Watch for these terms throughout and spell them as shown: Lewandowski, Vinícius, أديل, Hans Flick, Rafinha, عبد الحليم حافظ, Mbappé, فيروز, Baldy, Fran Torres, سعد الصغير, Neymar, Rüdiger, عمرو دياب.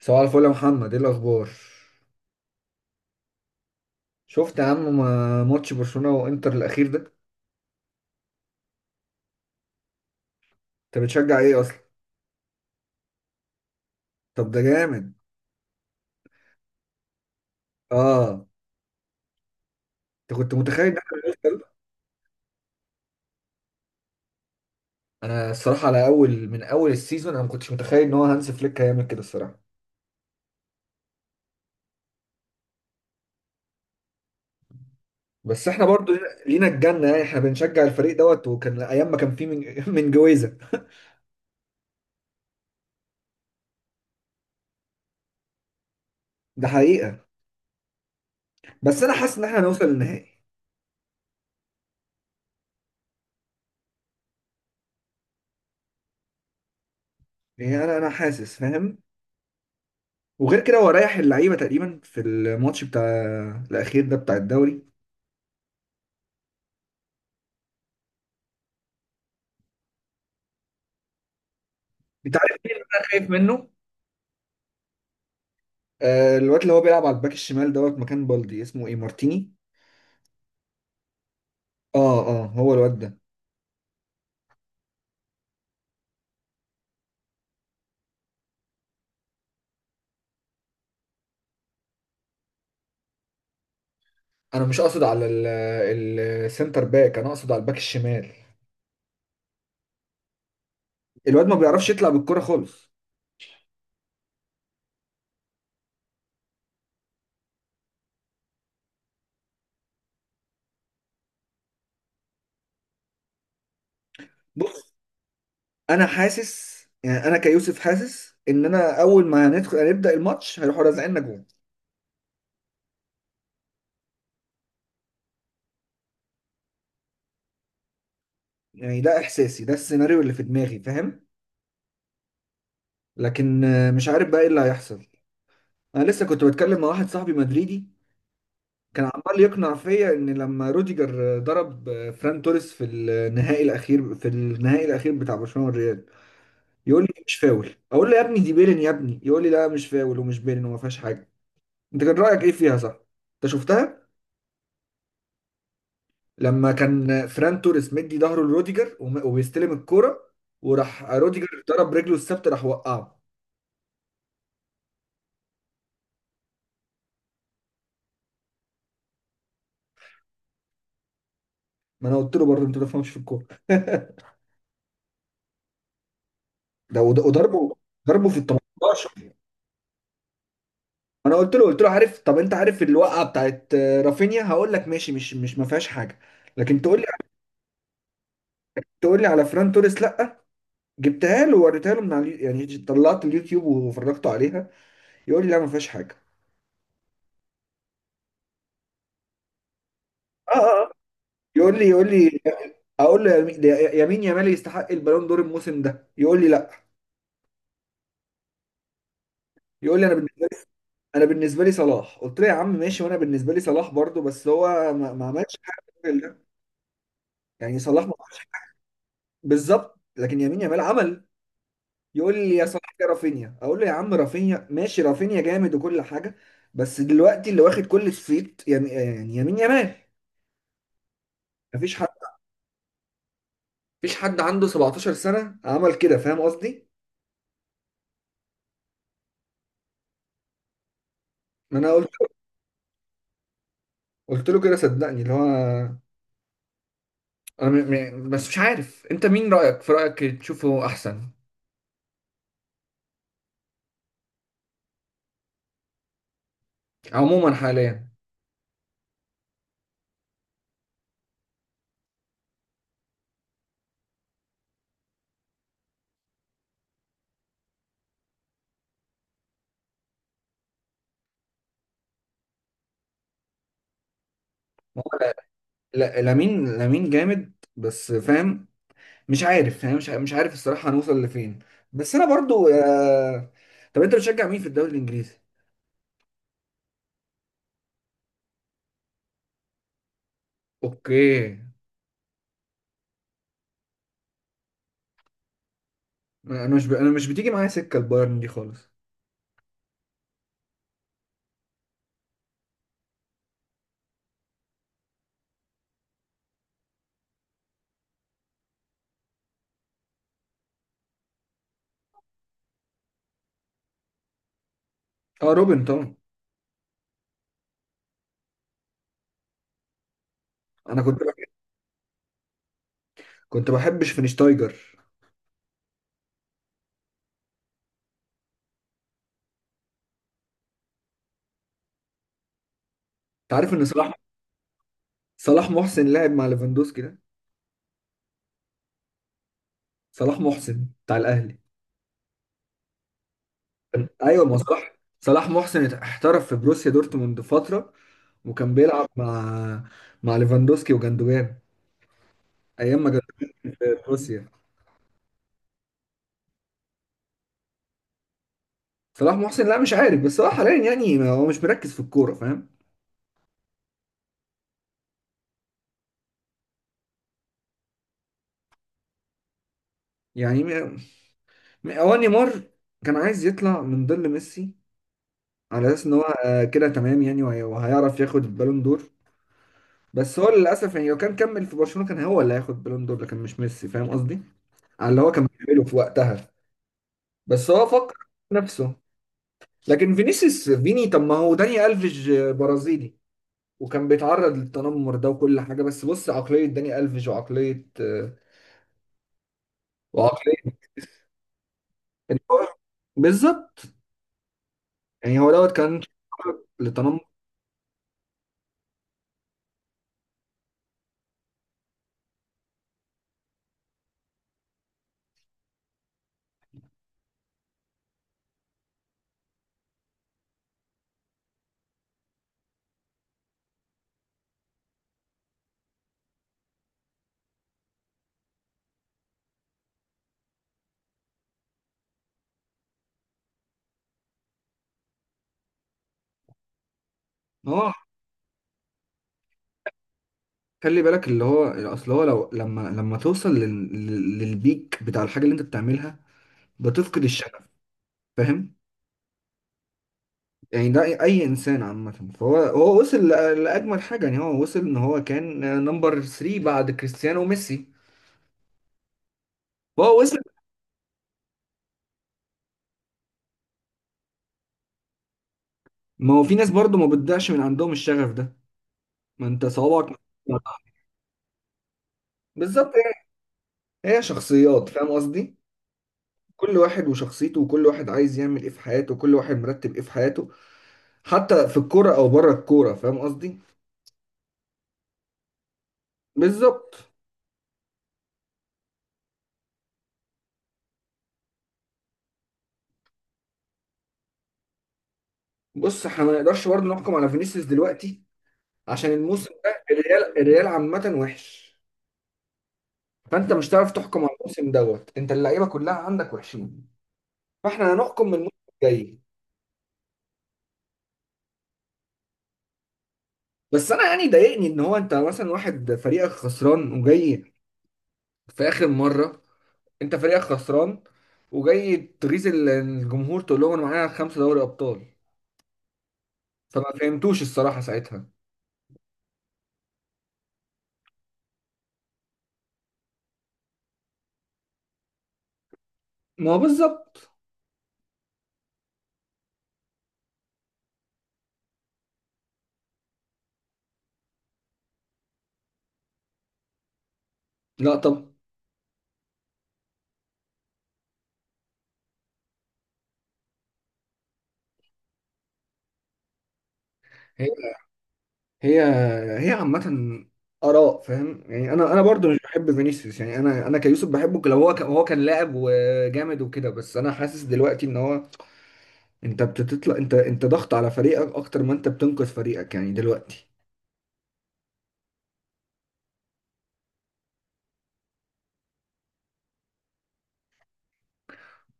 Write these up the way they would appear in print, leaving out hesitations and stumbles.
صباح الفل يا محمد، ايه الاخبار؟ شفت يا عم ماتش برشلونة وانتر الاخير ده؟ انت بتشجع ايه اصلا؟ طب ده جامد. اه. انت كنت متخيل ان احنا هنوصل؟ انا الصراحه على اول، من اول السيزون، انا ما كنتش متخيل ان هو هانز فليك هيعمل كده الصراحه. بس احنا برضو لينا الجنه، يعني احنا بنشجع الفريق دوت، وكان ايام ما كان فيه من من جويزه. ده حقيقه. بس انا حاسس ان احنا هنوصل للنهائي. يعني انا حاسس، فاهم. وغير كده هو ريح اللعيبه تقريبا في الماتش بتاع الاخير ده بتاع الدوري. انت عارف مين اللي انا خايف منه؟ آه الواد اللي هو بيلعب على الباك الشمال دوت، مكان بالدي، اسمه ايه؟ مارتيني. اه اه، هو الواد ده. انا مش اقصد على السنتر باك، انا اقصد على الباك الشمال. الواد ما بيعرفش يطلع بالكرة خالص. بص، انا حاسس، يعني انا كيوسف حاسس ان انا اول ما هندخل هنبدأ الماتش هيروحوا رازعيننا جول. يعني ده احساسي، ده السيناريو اللي في دماغي، فاهم. لكن مش عارف بقى ايه اللي هيحصل. انا لسه كنت بتكلم مع واحد صاحبي مدريدي، كان عمال يقنع فيا ان لما روديجر ضرب فران توريس في النهائي الاخير، في النهائي الاخير بتاع برشلونه والريال، يقول لي مش فاول. اقول له يا ابني دي بيلين يا ابني. يقول لي لا، مش فاول ومش بيلين وما فيهاش حاجه. انت كان رايك ايه فيها؟ صح؟ انت شفتها؟ لما كان فران توريس مدي ظهره لروديجر وبيستلم الكوره، وراح روديجر ضرب رجله الثابته، راح وقعه. ما انا قلت له برضه انت ما تفهمش في الكوره. ده وضربه، ضربه في ال 18. انا قلت له، قلت له عارف، طب انت عارف الوقعه بتاعت رافينيا؟ هقول لك ماشي، مش ما فيهاش حاجه، لكن تقول لي، تقول لي على فران توريس لا؟ جبتها له ووريتها له من على يعني طلعت اليوتيوب وفرجته عليها، يقول لي لا، ما فيهاش حاجه. اه اه، يقول لي، يقول لي، اقول له ده يمين يامال يستحق البالون دور الموسم ده، يقول لي لا. يقول لي انا بالنسبه لي، انا بالنسبه لي صلاح. قلت له يا عم ماشي، وانا بالنسبه لي صلاح برضو، بس هو ما عملش حاجه في يعني صلاح ما، بالظبط، لكن يمين يامال عمل. يقول لي يا صاحبي رافينيا، اقول له يا عم رافينيا ماشي، رافينيا جامد وكل حاجه، بس دلوقتي اللي واخد كل الصيت يعني، يعني يمين يمال. مفيش حد، مفيش حد عنده 17 سنه عمل كده، فاهم قصدي؟ ما انا قلت له، قلت له كده صدقني اللي هو، انا م... بس مش عارف انت مين رايك؟ في رايك تشوفه احسن؟ عموما حاليا. هو لا، لامين جامد، بس فاهم. مش عارف، فاهم، مش عارف الصراحه هنوصل لفين. بس انا برضو طب انت بتشجع مين في الدوري الانجليزي؟ اوكي. انا مش بتيجي معايا سكه البايرن دي خالص. اه روبن طبعا. انا كنت بح... كنت بحب شفينشتايجر. انت عارف ان صلاح، صلاح محسن لعب مع ليفاندوسكي ده؟ صلاح محسن بتاع الاهلي. ايوه، ما صلاح، صلاح محسن احترف في بروسيا دورتموند فتره، وكان بيلعب مع، مع ليفاندوسكي وجندوجان، ايام ما كان في بروسيا. صلاح محسن، لا مش عارف، بس هو حاليا يعني هو مش مركز في الكوره، فاهم. يعني هو نيمار كان عايز يطلع من ظل ميسي على اساس ان هو كده تمام يعني، وهيعرف ياخد البالون دور، بس هو للاسف يعني لو كان كمل في برشلونة كان هو اللي هياخد البالون دور، لكن مش ميسي، فاهم قصدي، على اللي هو كان بيعمله في وقتها. بس هو فكر في نفسه. لكن فينيسيوس، فيني، طب ما هو داني الفيج برازيلي وكان بيتعرض للتنمر ده وكل حاجة، بس بص عقلية داني الفيج وعقلية وعقلية إن هو- بالظبط، يعني هو دوت كان للتنمر. اه، خلي بالك اللي هو، اصل هو لو، لما توصل للبيك بتاع الحاجه اللي انت بتعملها، بتفقد الشغف، فاهم. يعني ده اي، أي انسان عامه، فهو وصل لاجمل حاجه، يعني هو وصل ان هو كان نمبر 3 بعد كريستيانو وميسي. فهو وصل. ما هو في ناس برضو ما بتضيعش من عندهم الشغف ده. ما انت صوابعك. بالظبط، يعني هي شخصيات، فاهم قصدي. كل واحد وشخصيته، وكل واحد عايز يعمل ايه في حياته، وكل واحد مرتب ايه في حياته، حتى في الكوره او بره الكوره، فاهم قصدي. بالظبط. بص، احنا ما نقدرش برضه نحكم على فينيسيوس دلوقتي عشان الموسم ده الريال، الريال عامة وحش، فانت مش هتعرف تحكم على الموسم دوت، انت اللعيبة كلها عندك وحشين، فاحنا هنحكم من الموسم الجاي. بس انا يعني ضايقني ان هو، انت مثلا واحد فريقك خسران وجاي في اخر مرة، انت فريقك خسران وجاي تغيظ الجمهور تقول لهم انا معايا خمسة دوري ابطال؟ فما فهمتوش الصراحة ساعتها. ما هو بالظبط. لا طب، هي، هي عامة آراء، فاهم يعني. أنا برضو مش بحب فينيسيوس. يعني أنا كيوسف بحبه لو هو هو كان لاعب وجامد وكده، بس أنا حاسس دلوقتي إن هو، أنت بتطلع، أنت ضغط على فريقك أكتر ما أنت بتنقذ فريقك، يعني دلوقتي.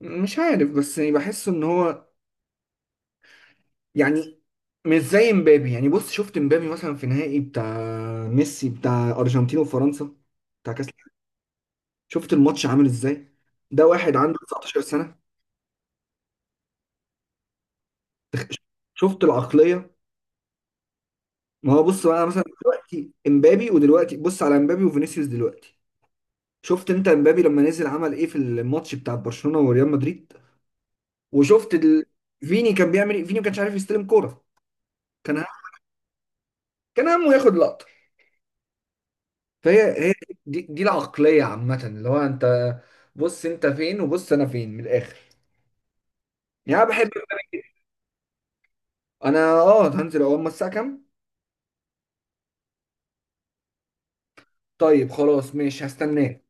مش عارف، بس يعني بحس إن هو، يعني مش زي امبابي. يعني بص، شفت امبابي مثلا في نهائي بتاع ميسي بتاع أرجنتين وفرنسا، بتاع كأس، شفت الماتش عامل إزاي؟ ده واحد عنده 19 سنة. شفت العقلية؟ ما هو بص بقى، انا مثلا دلوقتي امبابي، ودلوقتي بص على امبابي وفينيسيوس دلوقتي، شفت انت امبابي لما نزل عمل ايه في الماتش بتاع برشلونة وريال مدريد؟ وشفت فيني كان بيعمل ايه؟ فيني ما كانش عارف يستلم كورة، كان هم... كان همه ياخد لقطة. فهي هي، دي العقلية عامة، اللي هو انت بص انت فين، وبص انا فين من الاخر. يعني انا بحب، انا اه هنزل. اول ما الساعة كام؟ طيب خلاص ماشي، هستناك.